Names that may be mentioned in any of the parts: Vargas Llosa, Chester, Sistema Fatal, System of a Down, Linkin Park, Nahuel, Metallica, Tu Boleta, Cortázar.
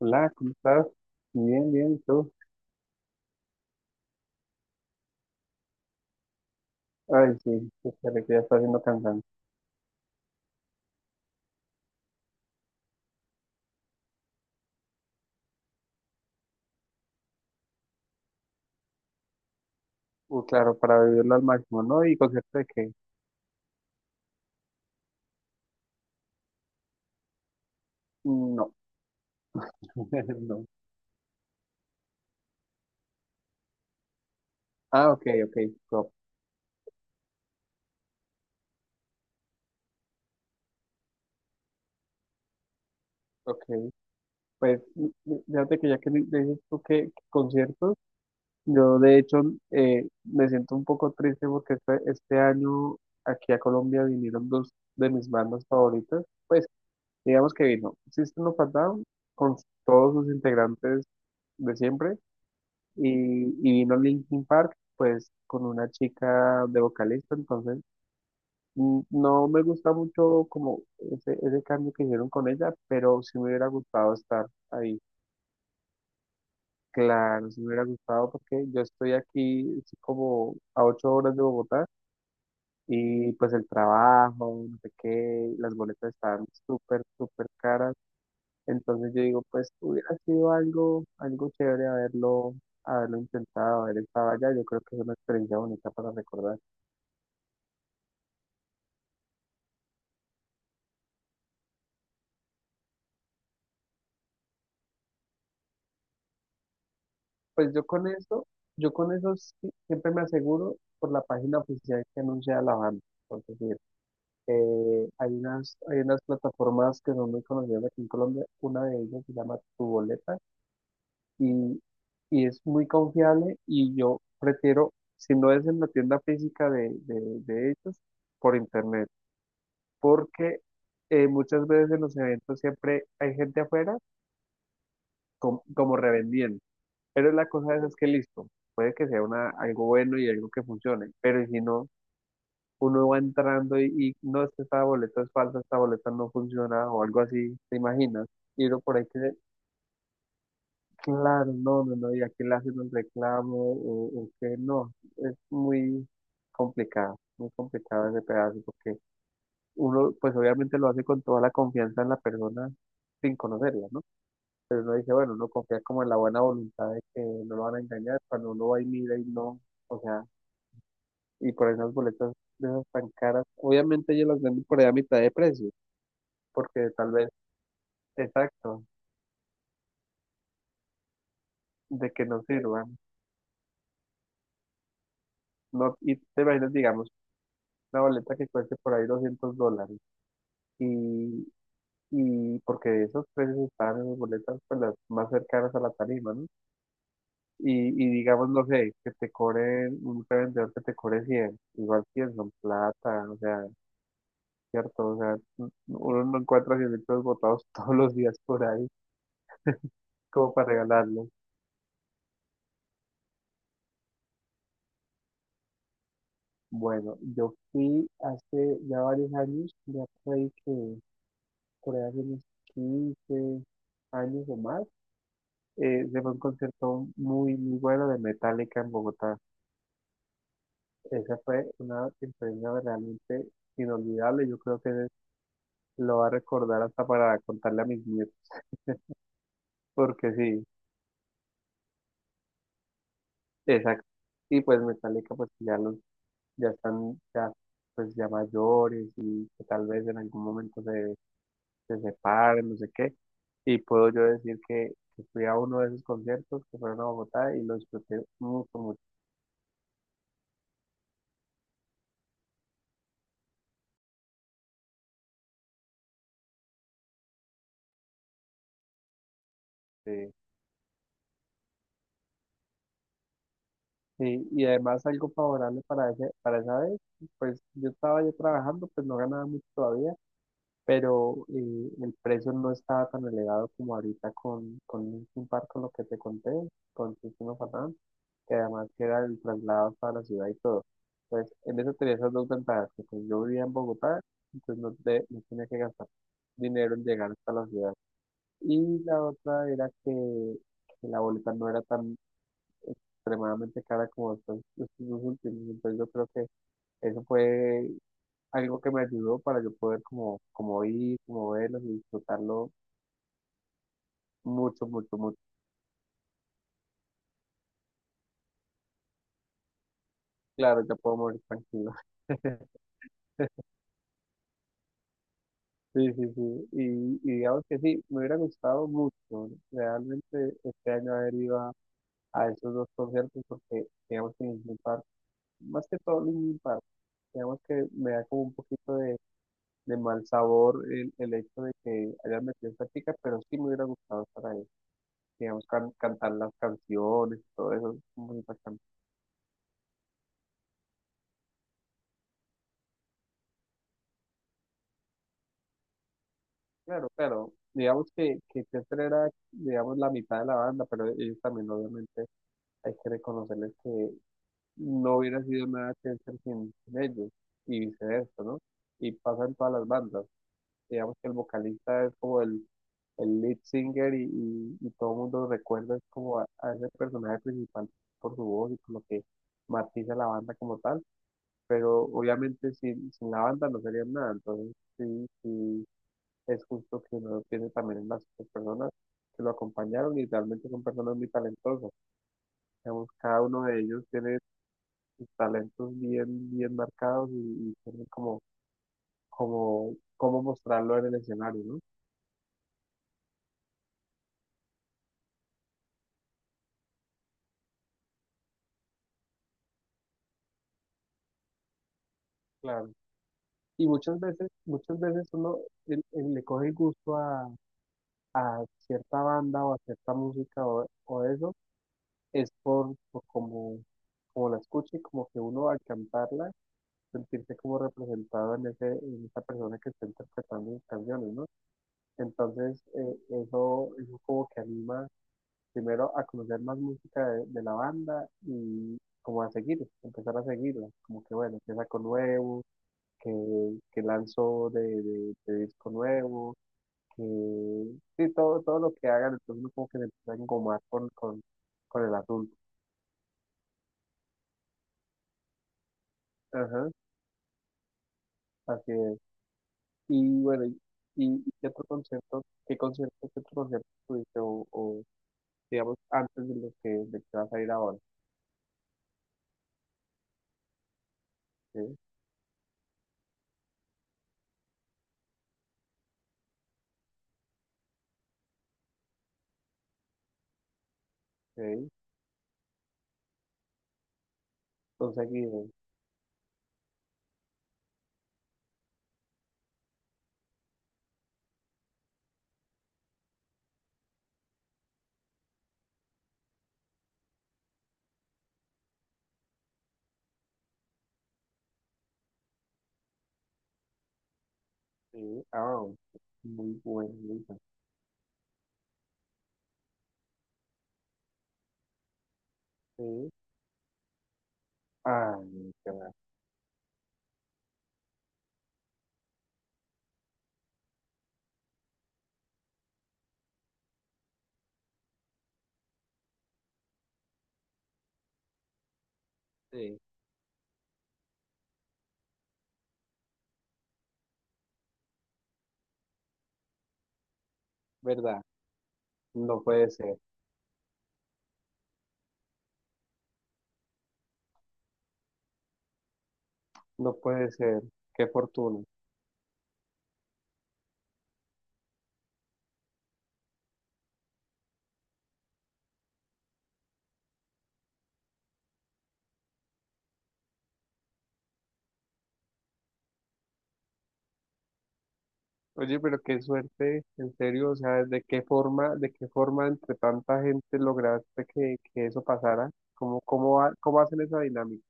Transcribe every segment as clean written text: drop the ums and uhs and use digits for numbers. Hola, ¿cómo estás? Bien, bien, ¿y tú? Ay, sí, espera que ya está haciendo cansancio. Claro, para vivirlo al máximo, ¿no? ¿Y concierto de qué? No, no. Ah, ok, ok, go, ok. Pues, fíjate que ya que dices tú que conciertos, yo de hecho me siento un poco triste porque este año aquí a Colombia vinieron dos de mis bandas favoritas. Pues, digamos que vino System of a Down con todos sus integrantes de siempre y vino Linkin Park, pues con una chica de vocalista, entonces no me gusta mucho como ese cambio que hicieron con ella, pero sí me hubiera gustado estar ahí. Claro, sí me hubiera gustado porque yo estoy aquí estoy como a 8 horas de Bogotá y pues el trabajo, no sé qué, las boletas están súper, súper caras. Entonces yo digo, pues hubiera sido algo chévere haberlo intentado, haber estado allá. Yo creo que es una experiencia bonita para recordar. Pues yo con eso, siempre me aseguro por la página oficial que anuncia la banda. Por decir, hay unas plataformas que son muy conocidas aquí en Colombia. Una de ellas se llama Tu Boleta y, y es muy confiable y yo prefiero, si no es en la tienda física de ellos, por internet. Porque muchas veces en los eventos siempre hay gente afuera como revendiendo. Pero la cosa es que listo, puede que sea algo bueno y algo que funcione, pero si no, uno va entrando y, no es que esta boleta es falsa, esta boleta no funciona o algo así, ¿te imaginas? Y uno por ahí que, claro, no, no, no, y aquí le hacen un reclamo o que no, es muy complicado ese pedazo porque uno pues obviamente lo hace con toda la confianza en la persona sin conocerla, ¿no? Pero uno dice, bueno, uno confía como en la buena voluntad de que no lo van a engañar, cuando uno va y mira y no, o sea, y por esas boletas de esas tan caras, obviamente ellos las venden por ahí a mitad de precio, porque tal vez, exacto, de que no sirvan, no, y te imaginas, digamos, una boleta que cueste por ahí $200, y, y porque esos precios estaban en las boletas pues las más cercanas a la tarima, ¿no? Y digamos, no sé, que te cobren, un revendedor que te cobre 100, igual 100 son plata, o sea, cierto, o sea, uno no encuentra 100 pesos botados todos los días por ahí, como para regalarlos. Bueno, yo fui hace ya varios años, ya por ahí hace unos 15 años o más, se fue a un concierto muy, muy bueno de Metallica en Bogotá. Esa fue una experiencia realmente inolvidable, yo creo que lo va a recordar hasta para contarle a mis nietos, porque sí, exacto. Y pues Metallica, pues que pues, ya están, ya, pues ya mayores y que tal vez en algún momento se separen, no sé qué. Y puedo yo decir que fui a uno de esos conciertos que fueron a Bogotá y lo disfruté mucho, mucho. Sí, sí, y además algo favorable para esa vez, pues yo estaba ya trabajando, pues no ganaba mucho todavía. Pero el precio no estaba tan elevado como ahorita con Linkin Park, con lo que te conté, con Sistema Fatal, que además que era el traslado hasta la ciudad y todo. Entonces, en eso tenía esas dos ventajas, que pues, yo vivía en Bogotá, entonces no, no tenía que gastar dinero en llegar hasta la ciudad. Y la otra era que la boleta no era tan extremadamente cara como estos dos últimos, entonces yo creo que eso fue algo que me ayudó para yo poder como ir, como verlos y disfrutarlo mucho, mucho, mucho. Claro, ya puedo morir tranquilo. Sí, sí, sí. Y, y digamos que sí, me hubiera gustado mucho realmente este año haber ido a esos dos conciertos porque digamos que Linkin Park, más que todo Linkin Park, digamos que me da como un poquito de mal sabor el hecho de que hayan metido esta chica, pero sí me hubiera gustado estar ahí. Digamos, cantar las canciones, todo eso, muy bacano. Claro, claro. Digamos que Chester era, digamos, la mitad de la banda, pero ellos también, obviamente, hay que reconocerles que no hubiera sido nada Chester sin ellos, y viceversa, ¿no? Y pasa en todas las bandas. Digamos que el vocalista es como el lead singer y todo el mundo recuerda es como a ese personaje principal por su voz y por lo que matiza la banda como tal, pero obviamente sin la banda no serían nada, entonces sí, sí es justo que uno piense también en las otras personas que lo acompañaron y realmente son personas muy talentosas. Digamos, cada uno de ellos tiene sus talentos bien, bien marcados y tiene cómo mostrarlo en el escenario, ¿no? Claro. Y muchas veces uno le coge el gusto a cierta banda o a cierta música o eso, es por como, la escucha y como que uno al cantarla sentirse como representado en esa persona que está interpretando mis canciones, ¿no? Entonces, eso como que anima primero a conocer más música de la banda y como a seguir, empezar a seguirla, como que bueno, que saco nuevo, que, que lanzo de disco nuevo, que sí, todo, todo lo que hagan, entonces uno como que se empieza a engomar con el asunto. Ajá, así es. Y bueno, y qué otro concierto tuviste o digamos antes de que vas a ir ahora? Sí, sí, entonces aquí, sí, ah, muy bueno, muy bueno, sí, ay, qué va, sí, verdad, no puede ser, no puede ser, qué fortuna. Oye, pero qué suerte, en serio, o sea, de qué forma entre tanta gente lograste que eso pasara, cómo hacen esa dinámica,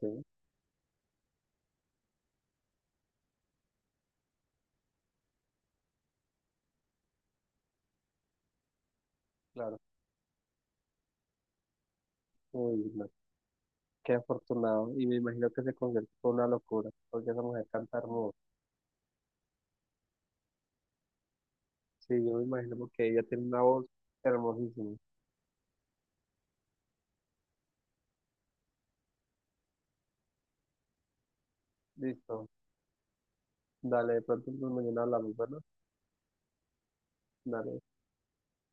sí, claro, uy, no. Qué afortunado. Y me imagino que ese concierto fue una locura, porque esa mujer canta hermoso. Sí, yo me imagino porque ella tiene una voz hermosísima. Listo. Dale, de pronto pues, mañana hablamos, ¿verdad? Dale.